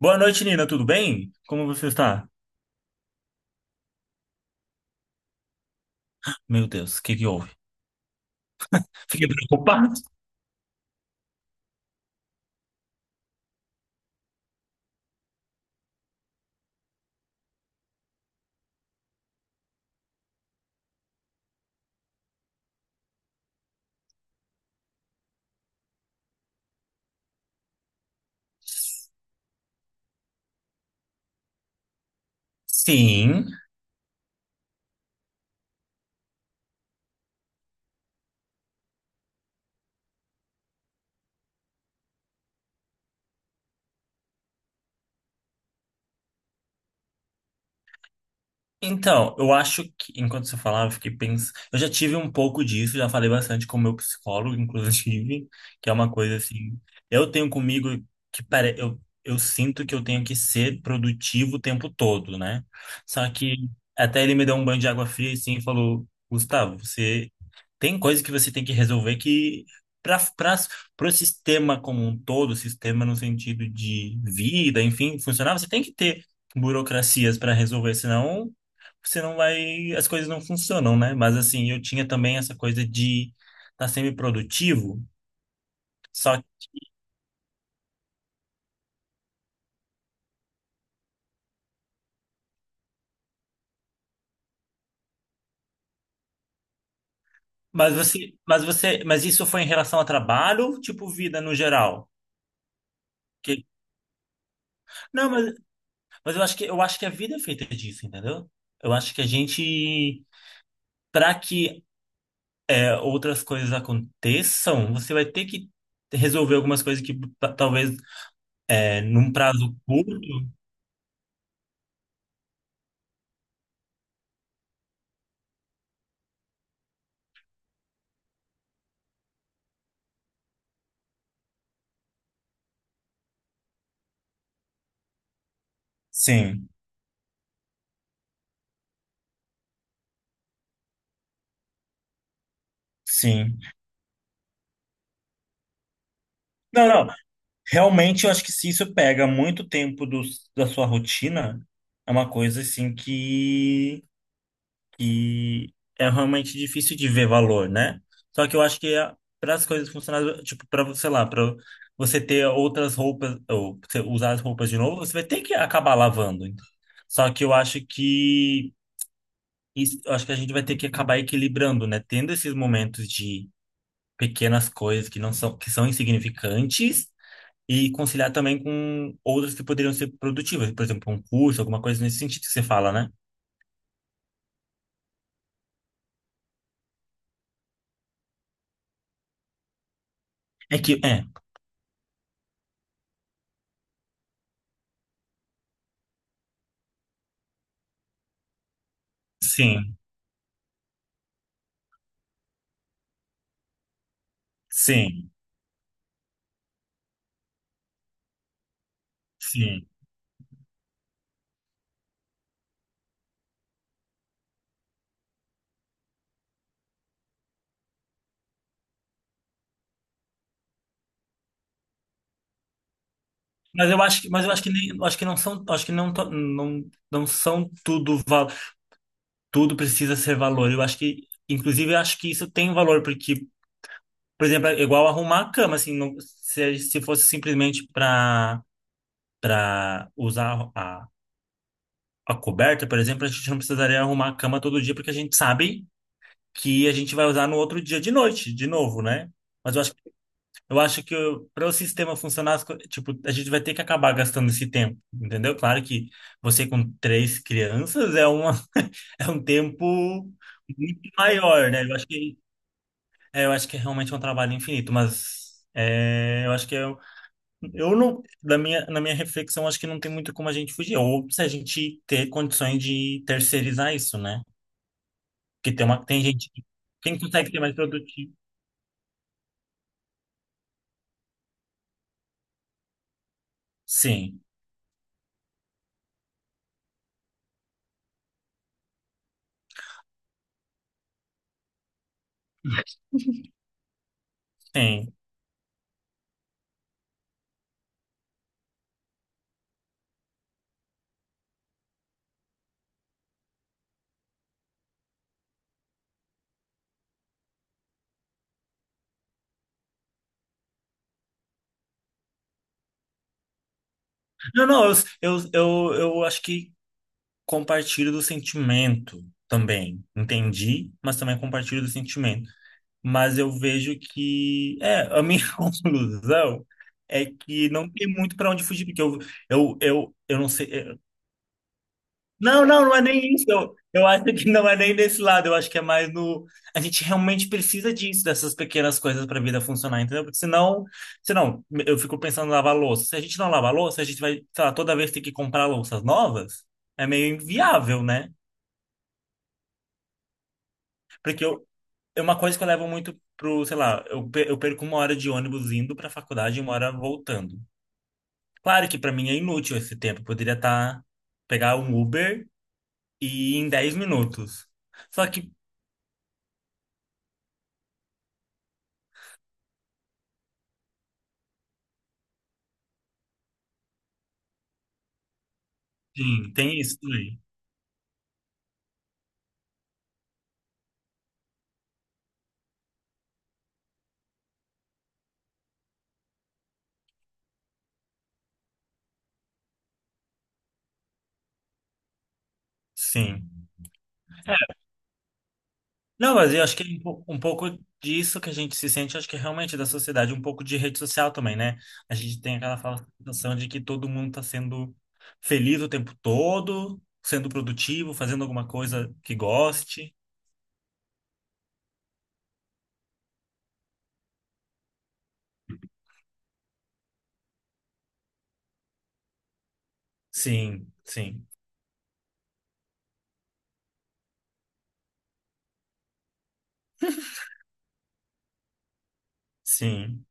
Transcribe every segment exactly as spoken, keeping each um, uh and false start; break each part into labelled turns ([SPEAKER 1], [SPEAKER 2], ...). [SPEAKER 1] Boa noite, Nina. Tudo bem? Como você está? Meu Deus, o que que houve? Fiquei preocupado. Sim. Então, eu acho que, enquanto você falava, eu fiquei pensando. Eu já tive um pouco disso, já falei bastante com o meu psicólogo, inclusive, que é uma coisa assim. Eu tenho comigo que pare... eu, eu sinto que eu tenho que ser produtivo o tempo todo, né? Só que até ele me deu um banho de água fria assim, e falou: Gustavo, você tem coisa que você tem que resolver que. Para o sistema como um todo, sistema no sentido de vida, enfim, funcionar, você tem que ter burocracias para resolver, senão você não vai, as coisas não funcionam, né? Mas assim, eu tinha também essa coisa de estar tá sempre produtivo, só mas você, mas você, mas isso foi em relação a trabalho, tipo vida no geral? Que, não, mas, mas eu acho que eu acho que a vida é feita disso, entendeu? Eu acho que a gente, para que é, outras coisas aconteçam, você vai ter que resolver algumas coisas que pa- talvez é, num prazo curto. Sim, sim. Não, não. Realmente, eu acho que se isso pega muito tempo do, da sua rotina, é uma coisa assim que, que é realmente difícil de ver valor, né? Só que eu acho que para as coisas funcionarem, tipo, para, sei lá, para você ter outras roupas, ou você usar as roupas de novo, você vai ter que acabar lavando. Só que eu acho que isso- eu acho que a gente vai ter que acabar equilibrando, né? Tendo esses momentos de pequenas coisas que não são, que são insignificantes e conciliar também com outras que poderiam ser produtivas, por exemplo, um curso, alguma coisa nesse sentido que você fala, né? É que, é, sim, sim, sim. Mas eu acho que, mas eu acho que nem, eu acho que não são, acho que não, to- não, não são tudo, val- tudo precisa ser valor. Eu acho que, inclusive, eu acho que isso tem valor, porque, por exemplo, é igual arrumar a cama, assim, não- se, se fosse simplesmente para para usar a, a coberta, por exemplo, a gente não precisaria arrumar a cama todo dia, porque a gente sabe que a gente vai usar no outro dia de noite, de novo, né? Mas eu acho, eu acho que para o sistema funcionar, as co- tipo, a gente vai ter que acabar gastando esse tempo, entendeu? Claro que você com três crianças é uma, é um tempo muito maior, né? Eu acho que, é, eu acho que é realmente um trabalho infinito, mas é, eu acho que eu, eu não, na minha, na minha reflexão, acho que não tem muito como a gente fugir, ou se a gente ter condições de terceirizar isso, né? Porque tem uma, tem gente, quem consegue ser mais produtivo. Sim, sim. Não, não, eu, eu, eu, eu acho que compartilho do sentimento também. Entendi, mas também compartilho do sentimento. Mas eu vejo que, é, a minha conclusão é que não tem muito para onde fugir, porque eu, eu, eu, eu não sei. Não, não, não é nem isso. Eu, eu acho que não é nem desse lado. Eu acho que é mais no. A gente realmente precisa disso, dessas pequenas coisas para a vida funcionar, entendeu? Porque senão, senão, eu fico pensando em lavar louça. Se a gente não lavar louça, a gente vai, sei lá, toda vez ter que comprar louças novas. É meio inviável, né? Porque eu, é uma coisa que eu levo muito pro, sei lá, eu, pe- eu perco uma hora de ônibus indo para a faculdade e uma hora voltando. Claro que para mim é inútil esse tempo. Eu poderia estar, pegar um Uber e ir em dez minutos. Só que sim, tem isso também. Sim. Não, mas eu acho que é um pouco, um pouco disso que a gente se sente, acho que é realmente da sociedade, um pouco de rede social também, né? A gente tem aquela fala- sensação de que todo mundo está sendo feliz o tempo todo, sendo produtivo, fazendo alguma coisa que goste. Sim, sim, sim.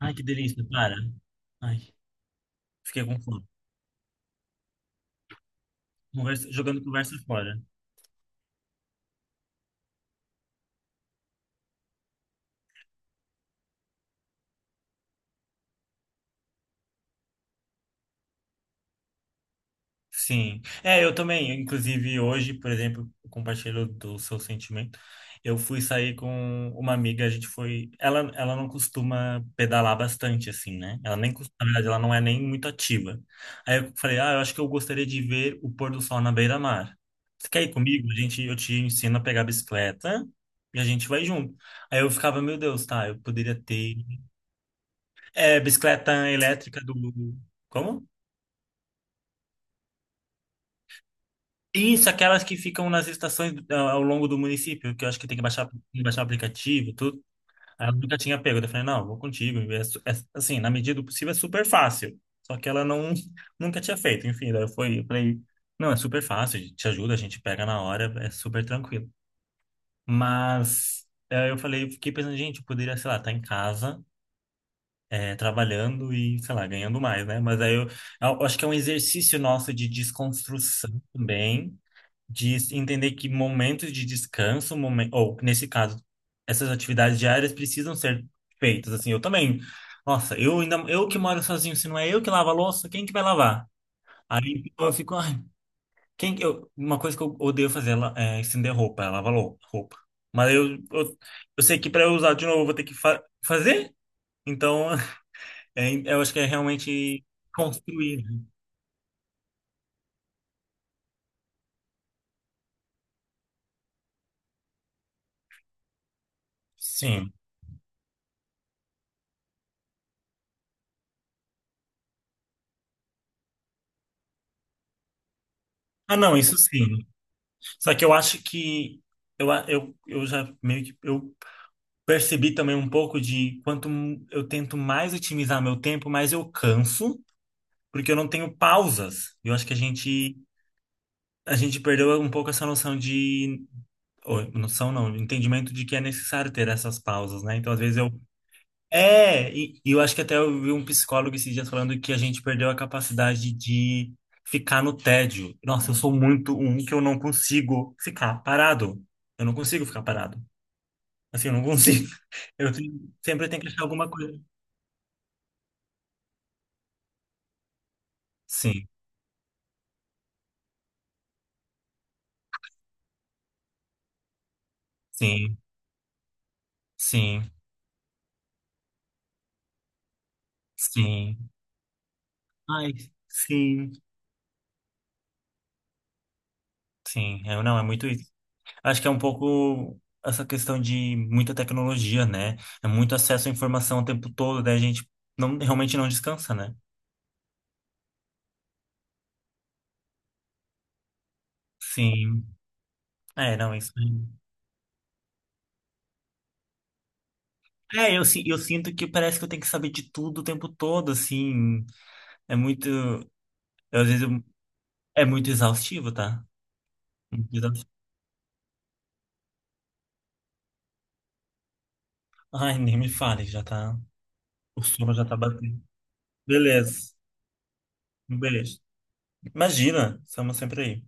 [SPEAKER 1] Ai, que delícia, para. Ai, fiquei com fome. Conversa- jogando conversa fora. Sim. É, eu também. Inclusive, hoje, por exemplo, eu compartilho do seu sentimento. Eu fui sair com uma amiga, a gente foi. Ela, ela não costuma pedalar bastante, assim, né? Ela nem costuma, na verdade, ela não é nem muito ativa. Aí eu falei, ah, eu acho que eu gostaria de ver o pôr do sol na beira-mar. Você quer ir comigo? A gente, eu te ensino a pegar a bicicleta e a gente vai junto. Aí eu ficava, meu Deus, tá, eu poderia ter. É, bicicleta elétrica do. Como? Isso, aquelas que ficam nas estações ah, ao longo do município, que eu acho que tem que baixar, tem que baixar o aplicativo, e tudo. Aí eu nunca tinha pego. Eu falei, não, vou contigo. É su- é- assim, na medida do possível é super fácil. Só que ela não, nunca tinha feito. Enfim, daí eu fui, eu falei, não, é super fácil, te ajuda, a gente pega na hora, é super tranquilo. Mas eh, eu falei, eu fiquei pensando, gente, eu poderia, sei lá, estar em casa, eh, trabalhando e, sei lá, ganhando mais, né? Mas aí eu, eu acho que é um exercício nosso de desconstrução também de entender que momentos de descanso, momen- ou nesse caso, essas atividades diárias precisam ser feitas. Assim, eu também. Nossa, eu ainda, eu que moro sozinho, se não é eu que lavo a louça, quem que vai lavar? Aí eu fico, ai, quem que eu, uma coisa que eu odeio fazer é la- é estender roupa, é lavar lou- roupa. Mas eu, eu, eu sei que para eu usar de novo eu vou ter que fa fazer. Então, é, eu acho que é realmente construir. Né? Sim. Ah, não, isso sim. Só que eu acho que eu, a- eu, eu já meio que eu percebi também um pouco de quanto m- eu tento mais otimizar meu tempo, mais eu canso, porque eu não tenho pausas. Eu acho que a gente a gente perdeu um pouco essa noção de ou, noção não, entendimento de que é necessário ter essas pausas, né? Então, às vezes eu é, e e eu acho que até eu vi um psicólogo esses dias falando que a gente perdeu a capacidade de ficar no tédio. Nossa, eu sou muito um que eu não consigo ficar parado. Eu não consigo ficar parado. Assim, eu não consigo. Eu tenho- sempre tenho que achar alguma coisa. Sim, sim, sim, sim. Ai, sim, sim. Eu não, é muito isso. Acho que é um pouco essa questão de muita tecnologia, né? É muito acesso à informação o tempo todo, daí a gente não, realmente não descansa, né? Sim. É, não, isso. É, eu, si- eu sinto que parece que eu tenho que saber de tudo o tempo todo, assim. É muito. Eu, às vezes eu- é muito exaustivo, tá? Muito exaustivo. Ai, nem me fale, já tá. O sono já tá batendo. Beleza. Um beijo. Imagina, estamos sempre aí.